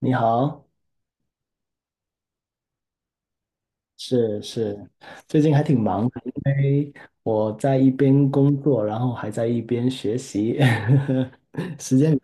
你好。是是，最近还挺忙的，因为我在一边工作，然后还在一边学习，时间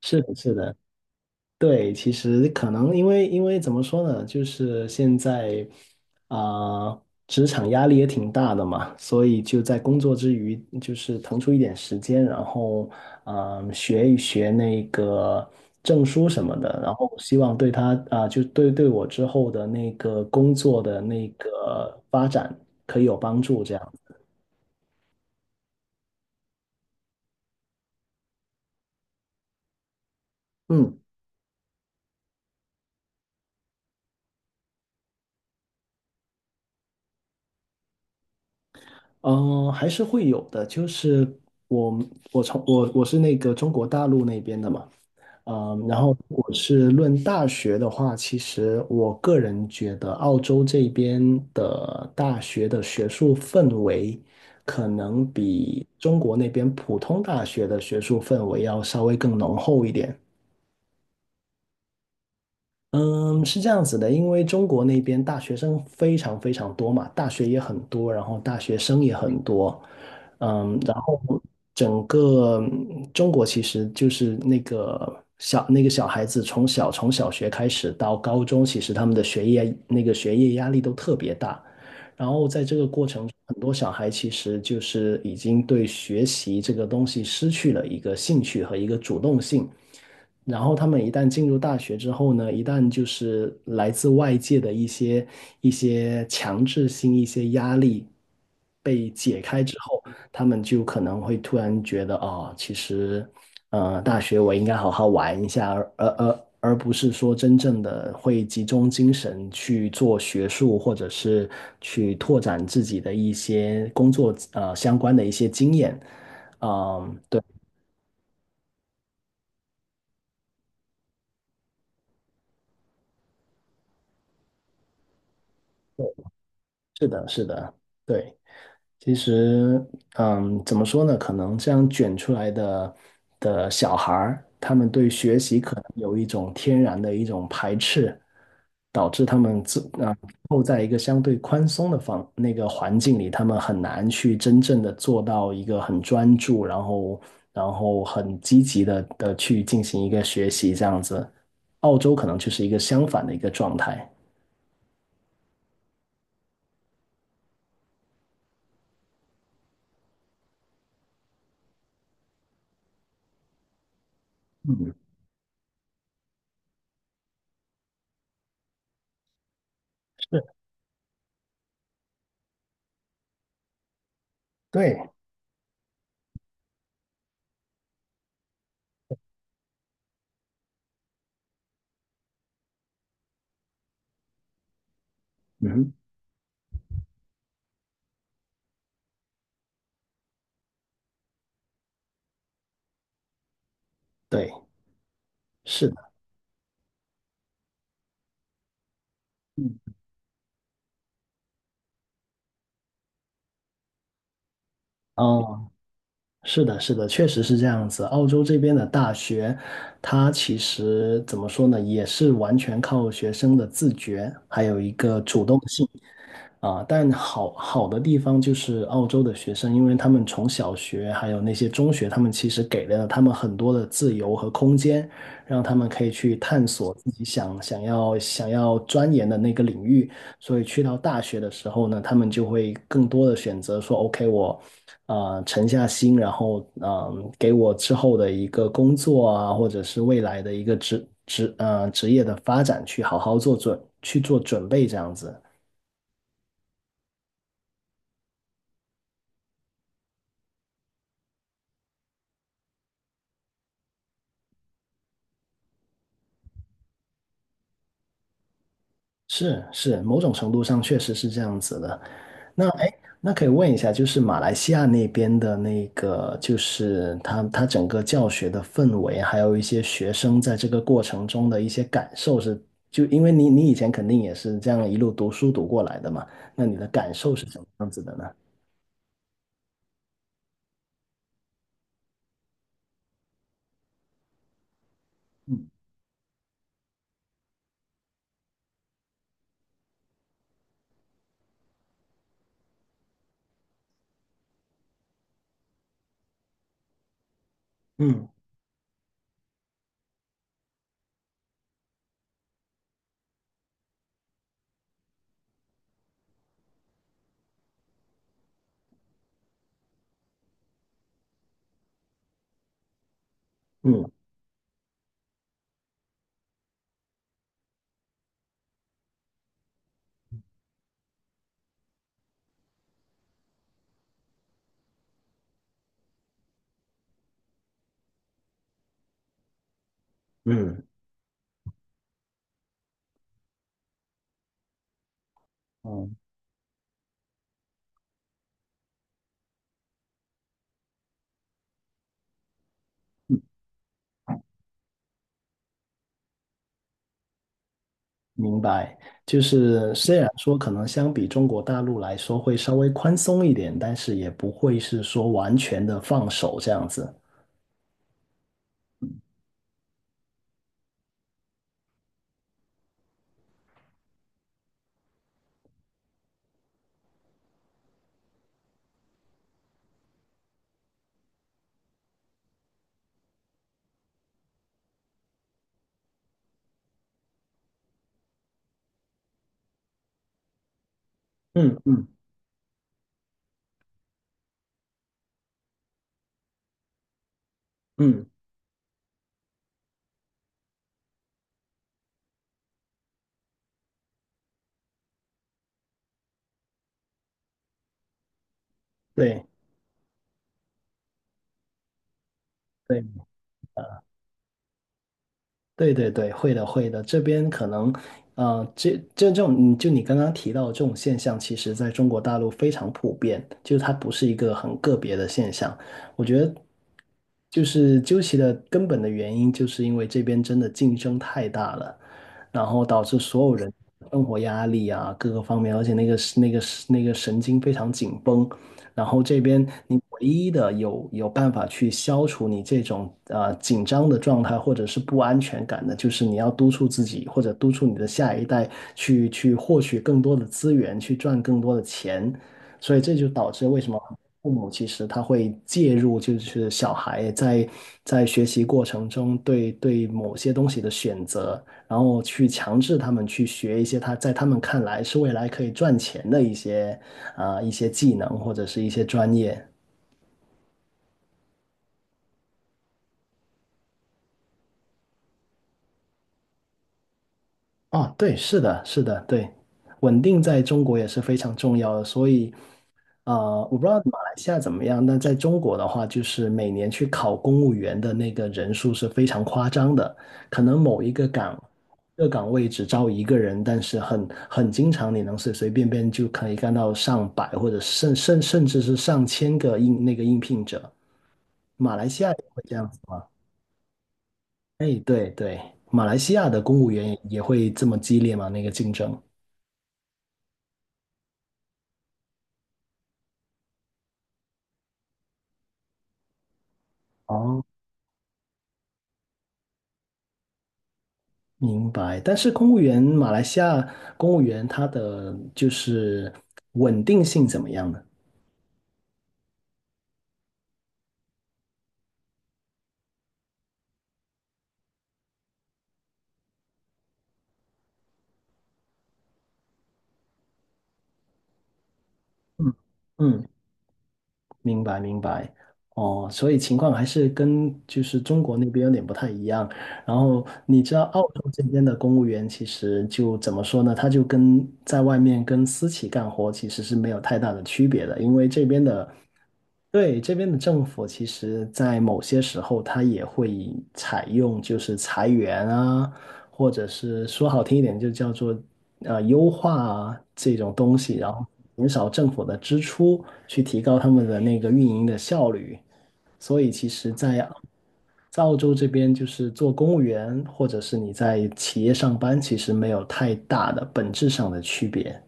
是的，是的。对，其实可能因为怎么说呢，就是现在职场压力也挺大的嘛，所以就在工作之余，就是腾出一点时间，然后学一学那个证书什么的，然后希望对他就对我之后的那个工作的那个发展可以有帮助，这样。嗯。嗯，还是会有的，就是我我从我我是那个中国大陆那边的嘛。嗯，然后如果是论大学的话，其实我个人觉得澳洲这边的大学的学术氛围，可能比中国那边普通大学的学术氛围要稍微更浓厚一点。嗯，是这样子的，因为中国那边大学生非常非常多嘛，大学也很多，然后大学生也很多。嗯，然后整个中国其实就是那个小孩子从小从小学开始到高中，其实他们的学业压力都特别大，很多小孩其实就是已经对学习这个东西失去了一个兴趣和一个主动性。然后他们一旦进入大学之后呢，一旦就是来自外界的一些强制性、一些压力被解开之后，他们就可能会突然觉得，哦，其实，大学我应该好好玩一下，而不是说真正的会集中精神去做学术，或者是去拓展自己的一些工作相关的一些经验。嗯，对，是的，是的，对。其实，嗯，怎么说呢？可能这样卷出来的小孩儿，他们对学习可能有一种天然的一种排斥，导致他们后在一个相对宽松的那个环境里，他们很难去真正的做到一个很专注，然后很积极的去进行一个学习这样子。澳洲可能就是一个相反的一个状态。嗯，是，对，嗯，对，是的，嗯，啊。是的，是的，确实是这样子。澳洲这边的大学，它其实怎么说呢，也是完全靠学生的自觉，还有一个主动性。啊，但好的地方就是澳洲的学生，因为他们从小学还有那些中学，他们其实给了他们很多的自由和空间，让他们可以去探索自己想要钻研的那个领域。所以去到大学的时候呢，他们就会更多的选择说，OK,我沉下心，然后给我之后的一个工作啊，或者是未来的一个职业的发展去好好去做准备这样子。是是，某种程度上确实是这样子的。哎，那可以问一下，就是马来西亚那边的那个，就是他整个教学的氛围，还有一些学生在这个过程中的一些感受是，就因为你以前肯定也是这样一路读书读过来的嘛，那你的感受是什么样子的呢？嗯，嗯，嗯，嗯。嗯明白，就是虽然说可能相比中国大陆来说会稍微宽松一点，但是也不会是说完全的放手这样子。嗯，嗯，嗯，对对，对对对，会的会的，这边可能，呃，这这种，你刚刚提到的这种现象，其实在中国大陆非常普遍，就是它不是一个很个别的现象。我觉得，就是究其的根本的原因，就是因为这边真的竞争太大了，然后导致所有人生活压力啊，各个方面，而且那个神经非常紧绷，然后这边你唯一的有办法去消除你这种紧张的状态或者是不安全感的，就是你要督促自己或者督促你的下一代去获取更多的资源，去赚更多的钱。所以这就导致为什么父母其实他会介入，就是小孩在学习过程中对某些东西的选择，然后去强制他们去学一些他在他们看来是未来可以赚钱的一些技能或者是一些专业。哦，对，是的，是的，对，稳定在中国也是非常重要的，所以。啊，我不知道马来西亚怎么样，那在中国的话，就是每年去考公务员的那个人数是非常夸张的，可能某一个岗，一个岗位只招一个人，但是很经常，你能随随便便就可以干到上百或者甚至是上千个应那个应聘者，会这样子吗？哎，对对，马来西亚的公务员也会这么激烈吗？那个竞争？哦。明白，但是公务员，马来西亚公务员他的就是稳定性怎么样呢？嗯，嗯。明白明白，哦，所以情况还是跟就是中国那边有点不太一样。然后你知道澳洲这边的公务员其实就怎么说呢？他就跟在外面跟私企干活其实是没有太大的区别的，因为这边的，对，这边的政府其实在某些时候他也会采用就是裁员啊，或者是说好听一点就叫做优化啊这种东西，然后。减少政府的支出，去提高他们的那个运营的效率。所以其实在，澳洲这边，就是做公务员或者是你在企业上班，其实没有太大的本质上的区别。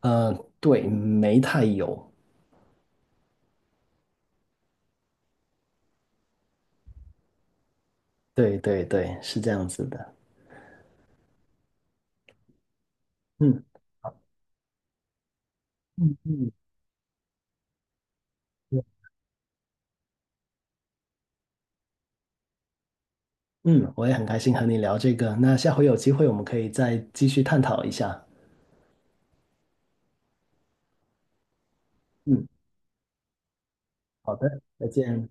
嗯，对，没太有。对对对，是这样子的。嗯，嗯，我也很开心和你聊这个。那下回有机会我们可以再继续探讨一下。嗯，好的，再见。